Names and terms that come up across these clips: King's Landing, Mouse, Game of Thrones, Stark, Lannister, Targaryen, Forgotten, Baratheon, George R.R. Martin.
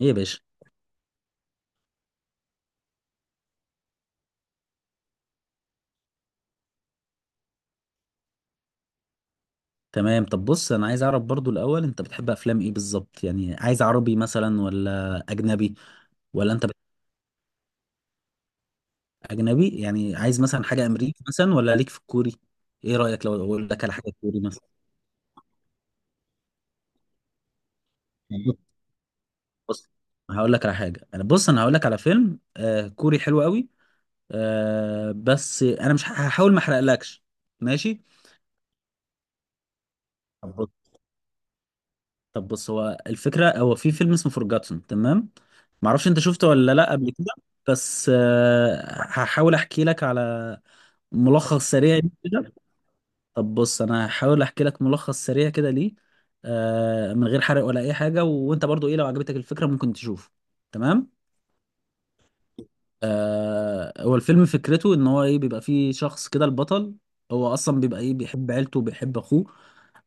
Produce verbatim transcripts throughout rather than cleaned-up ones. ايه يا باشا. تمام، طب بص انا عايز اعرف برضو الاول انت بتحب افلام ايه بالظبط؟ يعني عايز عربي مثلا ولا اجنبي؟ ولا انت بت- اجنبي يعني عايز مثلا حاجه امريكي مثلا ولا ليك في الكوري؟ ايه رايك لو اقول لك على حاجه كوري مثلا؟ يعني بص، هقول لك على حاجه. انا بص انا هقول لك على فيلم آه كوري حلو قوي. آه بس انا مش هحاول ما احرقلكش. ماشي. طب بص هو الفكرة، هو في فيلم اسمه فورجاتون، تمام؟ معرفش انت شفته ولا لا قبل كده. بس آه، هحاول احكي لك على ملخص سريع ليه كده. طب بص انا هحاول احكي لك ملخص سريع كده ليه، آه، من غير حرق ولا اي حاجة، وانت برضو ايه لو عجبتك الفكرة ممكن تشوفه. تمام. آه، هو الفيلم فكرته ان هو ايه، بيبقى فيه شخص كده البطل، هو اصلا بيبقى ايه بيحب عيلته وبيحب اخوه.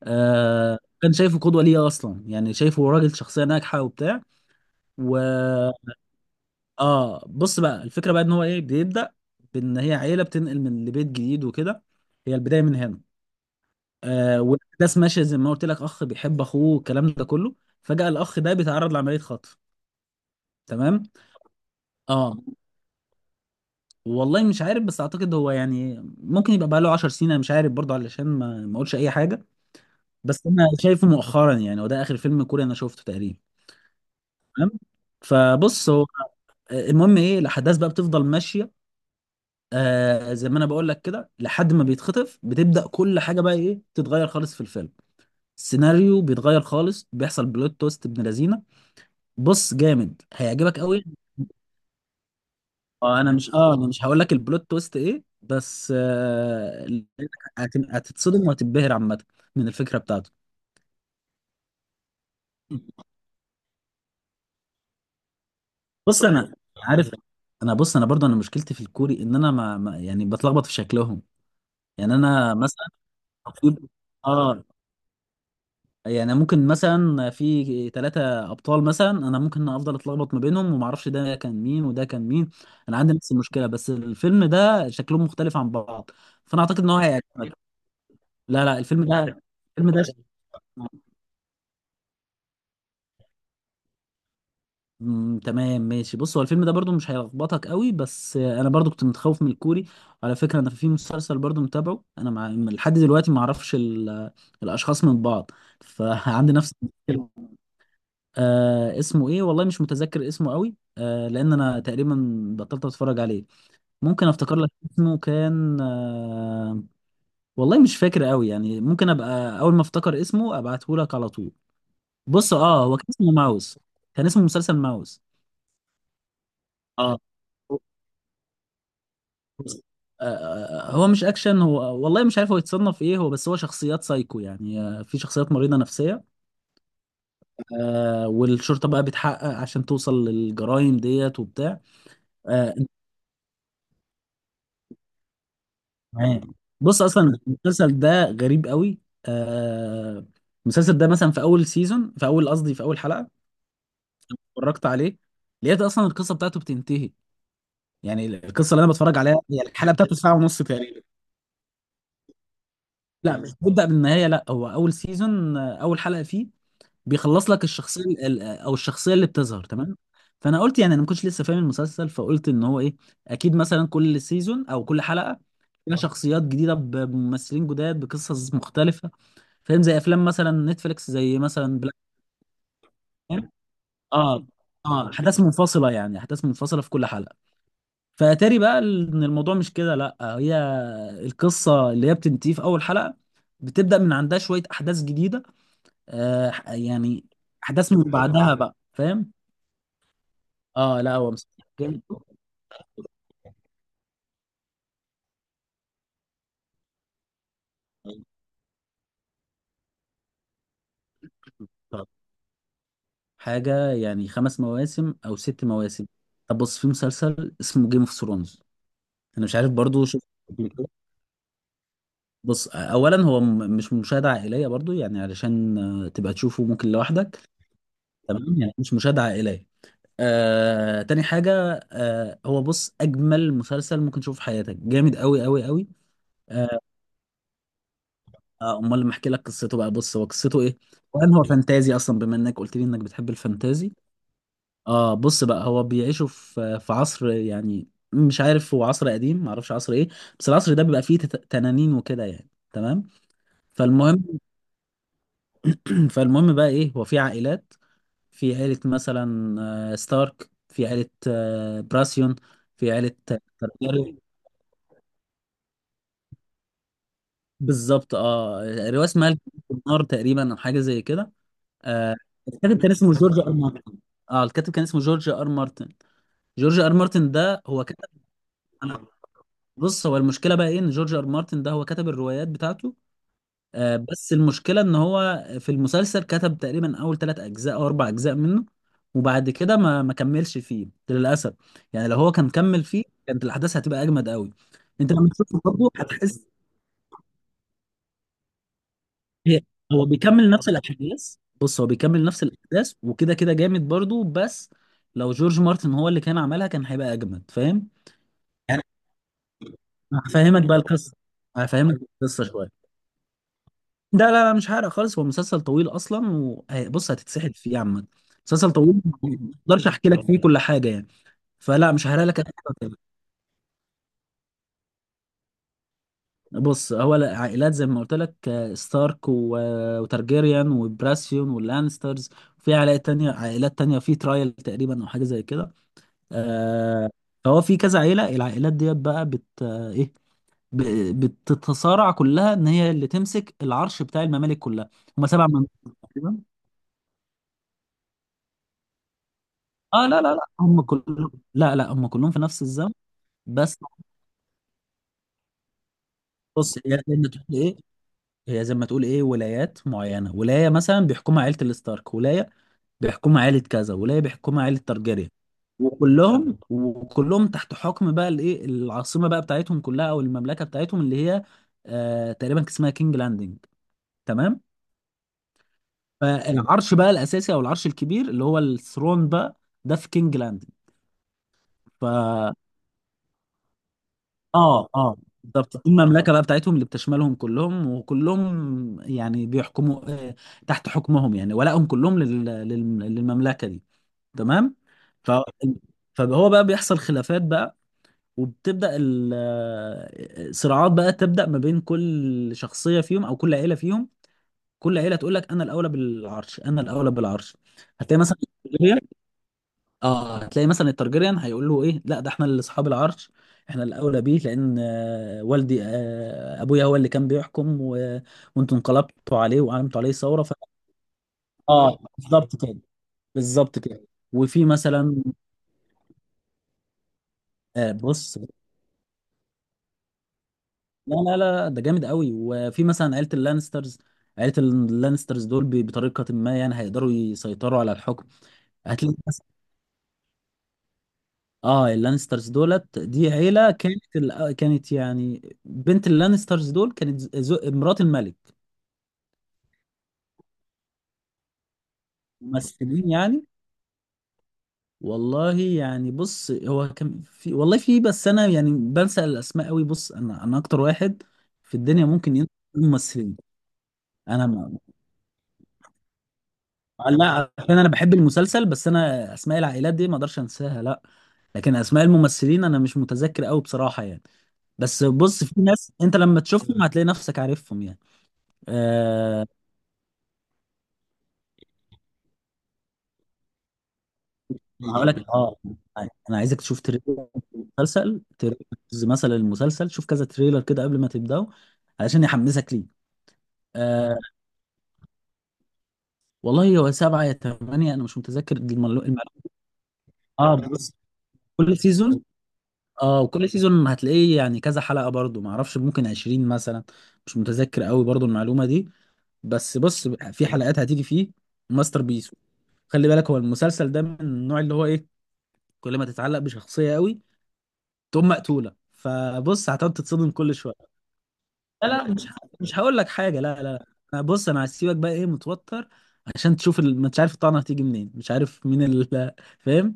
آه، كان شايفه قدوة ليه اصلا، يعني شايفه راجل شخصية ناجحة وبتاع. و اه بص بقى الفكره بقى ان هو ايه بيبدا، بان هي عيله بتنقل من لبيت جديد وكده، هي البدايه من هنا. آه والاحداث ماشيه زي ما قلت لك، اخ بيحب اخوه الكلام ده كله، فجاه الاخ ده بيتعرض لعمليه خطف. تمام. اه، والله مش عارف، بس اعتقد هو يعني ممكن يبقى بقى له 10 سنين، انا مش عارف برضه، علشان ما ما اقولش اي حاجه. بس انا شايفه مؤخرا يعني، وده اخر فيلم كوري انا شفته تقريبا. تمام. فبص هو، آه، المهم ايه، الاحداث بقى بتفضل ماشيه، آه زي ما انا بقول لك كده، لحد ما بيتخطف بتبدأ كل حاجة بقى ايه تتغير خالص في الفيلم. السيناريو بيتغير خالص، بيحصل بلوت تويست ابن لذينه. بص جامد، هيعجبك قوي. آه انا مش اه انا مش هقول لك البلوت تويست ايه، بس آه هت- هتتصدم وهتتبهر عامة من الفكرة بتاعته. بص انا عارف، انا بص انا برضو انا مشكلتي في الكوري ان انا ما ما- يعني بتلخبط في شكلهم. يعني انا مثلا المفروض- اه، يعني ممكن مثلا في ثلاثة أبطال مثلا، أنا ممكن أفضل أتلخبط ما بينهم وما أعرفش ده كان مين وده كان مين. أنا عندي نفس المشكلة، بس الفيلم ده شكلهم مختلف عن بعض، فأنا أعتقد إن هو هيعجبك. لا لا، الفيلم ده الفيلم ده مم، تمام ماشي. بص هو الفيلم ده برضو مش هيلخبطك قوي، بس أنا برضو كنت متخوف من الكوري. على فكرة أنا في مسلسل برضو متابعه أنا مع... لحد دلوقتي ما أعرفش ال... الأشخاص من بعض، فعندي نفس المشكلة. آه اسمه ايه، والله مش متذكر اسمه قوي، آه لان انا تقريبا بطلت اتفرج عليه. ممكن افتكر لك اسمه، كان آه والله مش فاكر قوي، يعني ممكن ابقى اول ما افتكر اسمه ابعته لك على طول. بص اه، هو كان اسمه ماوس، كان اسمه مسلسل ماوس. اه. بص، آه، هو مش اكشن، هو والله مش عارف هو يتصنف ايه هو، بس هو شخصيات سايكو يعني، آه، في شخصيات مريضة نفسية. آه والشرطة بقى بتحقق عشان توصل للجرائم ديت وبتاع. آه، معايا. بص اصلا المسلسل ده غريب قوي. آه المسلسل ده مثلا، في اول سيزون، في اول قصدي في اول حلقه اتفرجت عليه، لقيت اصلا القصه بتاعته بتنتهي. يعني القصه اللي انا بتفرج عليها، هي الحلقه بتاعته ساعه ونص تقريبا. لا مش بتبدا بالنهايه، لا هو اول سيزون، آه، اول حلقه فيه بيخلص لك الشخصيه ال- ال- آه، او الشخصيه اللي بتظهر، تمام. فانا قلت يعني انا ما كنتش لسه فاهم المسلسل، فقلت ان هو ايه اكيد مثلا كل سيزون او كل حلقه فيها شخصيات جديده، ب- بممثلين جداد بقصص مختلفه، فاهم؟ زي افلام مثلا نتفليكس زي مثلا بلاك مير. اه اه، احداث منفصله، يعني احداث منفصله في كل حلقه. فاتاري بقى ال- ان الموضوع مش كده، لا هي القصه اللي هي بتنتهي في اول حلقه بتبدا من عندها شويه احداث جديده. آه ح- يعني احداث من بعدها بقى، فاهم؟ اه لا، هو مسلسل جامد. طب، حاجه يعني خمس مواسم او ست مواسم. طب بص في مسلسل اسمه جيم اوف ثرونز، انا مش عارف برضو شفت. بص اولا هو م- مش مشاهده عائليه برضو، يعني علشان آه، تبقى تشوفه ممكن لوحدك. تمام، يعني مش مشاهده عائليه. آه، تاني حاجه آه، هو بص اجمل مسلسل ممكن تشوفه في حياتك، جامد قوي قوي قوي. آه، آه، امال لما احكي لك قصته بقى، بص هو قصته ايه، وان هو فانتازي اصلا بما انك قلت لي انك بتحب الفانتازي. اه بص بقى، هو بيعيشوا في في عصر يعني، مش عارف، هو عصر قديم معرفش عصر ايه، بس العصر ده بيبقى فيه تت- تنانين وكده يعني، تمام. فالمهم فالمهم بقى ايه، هو في عائلات، في عيلة مثلا آه، ستارك، في عيلة آه، براسيون، في عيلة آه، تارجاريان، بالظبط اه. رواية اسمها الكتاب في النار تقريبا او حاجة زي كده. آه، الكاتب كان اسمه جورج ار مارتن، اه الكاتب كان اسمه جورج ار مارتن. جورج ار مارتن ده هو كتب. انا، بص هو المشكلة بقى ايه ان جورج ار مارتن ده هو كتب الروايات بتاعته، آه، بس المشكلة ان هو في المسلسل كتب تقريبا اول ثلاث اجزاء او اربع اجزاء منه، وبعد كده ما ما كملش فيه للاسف. يعني لو هو كان كمل فيه كانت الاحداث هتبقى اجمد قوي. انت لما تشوفه برضه هتحس. هي- هو بيكمل نفس الاحداث، بص هو بيكمل نفس الاحداث وكده كده جامد برضه، بس لو جورج مارتن هو اللي كان عملها كان هيبقى اجمد، فاهم؟ يعني هفهمك بقى القصة، هفهمك القصة شوية، ده لا لا مش حرق خالص، هو مسلسل طويل اصلا وبص هتتسحل فيه عامة. مسلسل طويل، ما اقدرش احكي لك فيه كل حاجة يعني، فلا مش هحرق لك أي حاجة. بص هو العائلات زي ما قلت لك آه، ستارك و- آه، وتارجيريان وبراسيون واللانسترز، في عائلات تانية، عائلات تانية في ترايل تقريبا او حاجة زي كده، آه، فهو في كذا عيلة. العائلات ديت بقى بت آه، ايه ب- بتتصارع كلها ان هي اللي تمسك العرش بتاع الممالك كلها، هم سبع ممالك. اه لا لا لا، هم كلهم، لا لا، هم كلهم في نفس الزمن. بس بص، هي زي ما تقول ايه، هي زي ما تقول ايه، ولايات معينه، ولايه مثلا بيحكمها عيله الستارك، ولايه بيحكمها عيله كذا، ولايه بيحكمها عيله تارجيريان، وكلهم وكلهم تحت حكم بقى الايه العاصمه بقى بتاعتهم كلها، او المملكه بتاعتهم اللي هي آه تقريبا كان اسمها كينج لاندنج، تمام. فالعرش بقى الاساسي او العرش الكبير اللي هو الثرون بقى، ده في كينج لاندنج. ف اه اه بالظبط، دي المملكه بقى بتاعتهم اللي بتشملهم كلهم، وكلهم يعني بيحكموا آه، تحت حكمهم يعني، ولائهم كلهم لل... لل... للمملكه دي، تمام. ف... فهو بقى بيحصل خلافات بقى، وبتبدا ال- آه، صراعات بقى، تبدا ما بين كل شخصيه فيهم او كل عيله فيهم. كل عيله تقول لك انا الاولى بالعرش انا الاولى بالعرش. هتلاقي مثلا اه، تلاقي مثلا الترجريان هيقول له ايه لا ده احنا اللي اصحاب العرش، احنا الاولى بيه، لان آه، والدي آه، ابويا هو اللي كان بيحكم و... وانتوا انقلبتوا عليه وعملتوا عليه ثوره، ف... اه بالظبط كده بالظبط كده. وفي مثلا آه بص، لا لا لا ده جامد قوي. وفي مثلا عيله اللانسترز، عيله اللانسترز دول ب- بطريقه ما يعني هيقدروا يسيطروا على الحكم. هتلاقي اه اللانسترز دولت دي عيلة كانت ال... كانت يعني بنت اللانسترز دول كانت ز- زو... مرات الملك. ممثلين يعني، والله يعني بص هو كان في والله في، بس انا يعني بنسى الاسماء قوي، بص انا انا اكتر واحد في الدنيا ممكن ينسى الممثلين. انا ما... لا عشان انا بحب المسلسل، بس انا اسماء العائلات دي ما اقدرش انساها لا، لكن اسماء الممثلين انا مش متذكر قوي بصراحة يعني. بس بص في ناس انت لما تشوفهم هتلاقي نفسك عارفهم يعني. آه، أنا هقول لك اه، انا عايزك تشوف تريلر المسلسل، تريلرز مثلا المسلسل، شوف كذا تريلر كده قبل ما تبداه علشان يحمسك ليه. آه والله هو سبعة يا ثمانية، انا مش متذكر دي المعلو- المعلومة. اه بس، كل سيزون، اه وكل سيزون هتلاقيه يعني كذا حلقة برضو، ما اعرفش ممكن عشرين مثلا، مش متذكر قوي برضو المعلومة دي، بس بص في حلقات هتيجي فيه ماستر بيس. خلي بالك هو المسلسل ده من النوع اللي هو ايه كل ما تتعلق بشخصية قوي تقوم مقتولة، فبص هتقعد تتصدم كل شوية. لا لا مش ه- مش هقول لك حاجه لا لا. أنا، بص انا هسيبك بقى ايه متوتر عشان تشوف ال... مش عارف الطعنه هتيجي منين، مش عارف مين ال... فاهم؟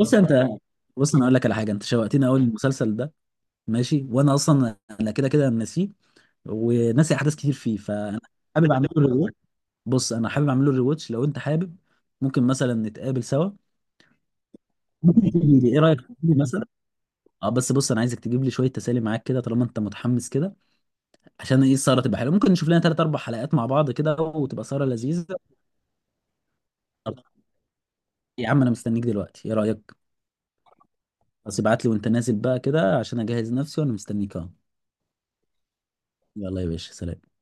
بص انت، بص انا اقول لك على حاجه، انت شوقتني اول المسلسل ده ماشي، وانا اصلا انا كده كده ناسيه وناسي احداث كتير فيه، فانا حابب اعمله ريواتش. بص انا حابب اعمله ريواتش، لو انت حابب ممكن مثلا نتقابل سوا. ممكن تجيلي، ايه رايك تجيلي مثلا، اه بس بص انا عايزك تجيب لي شويه تسالي معاك كده، طالما انت متحمس كده، عشان ايه السهره تبقى حلوه، ممكن نشوف لنا ثلاث اربع حلقات مع بعض كده وتبقى سهره لذيذه. طب يا عم، انا مستنيك دلوقتي، ايه رايك؟ بس ابعت لي وانت نازل بقى كده عشان اجهز نفسي، وانا مستنيك اهو. يلا يا باشا، سلام.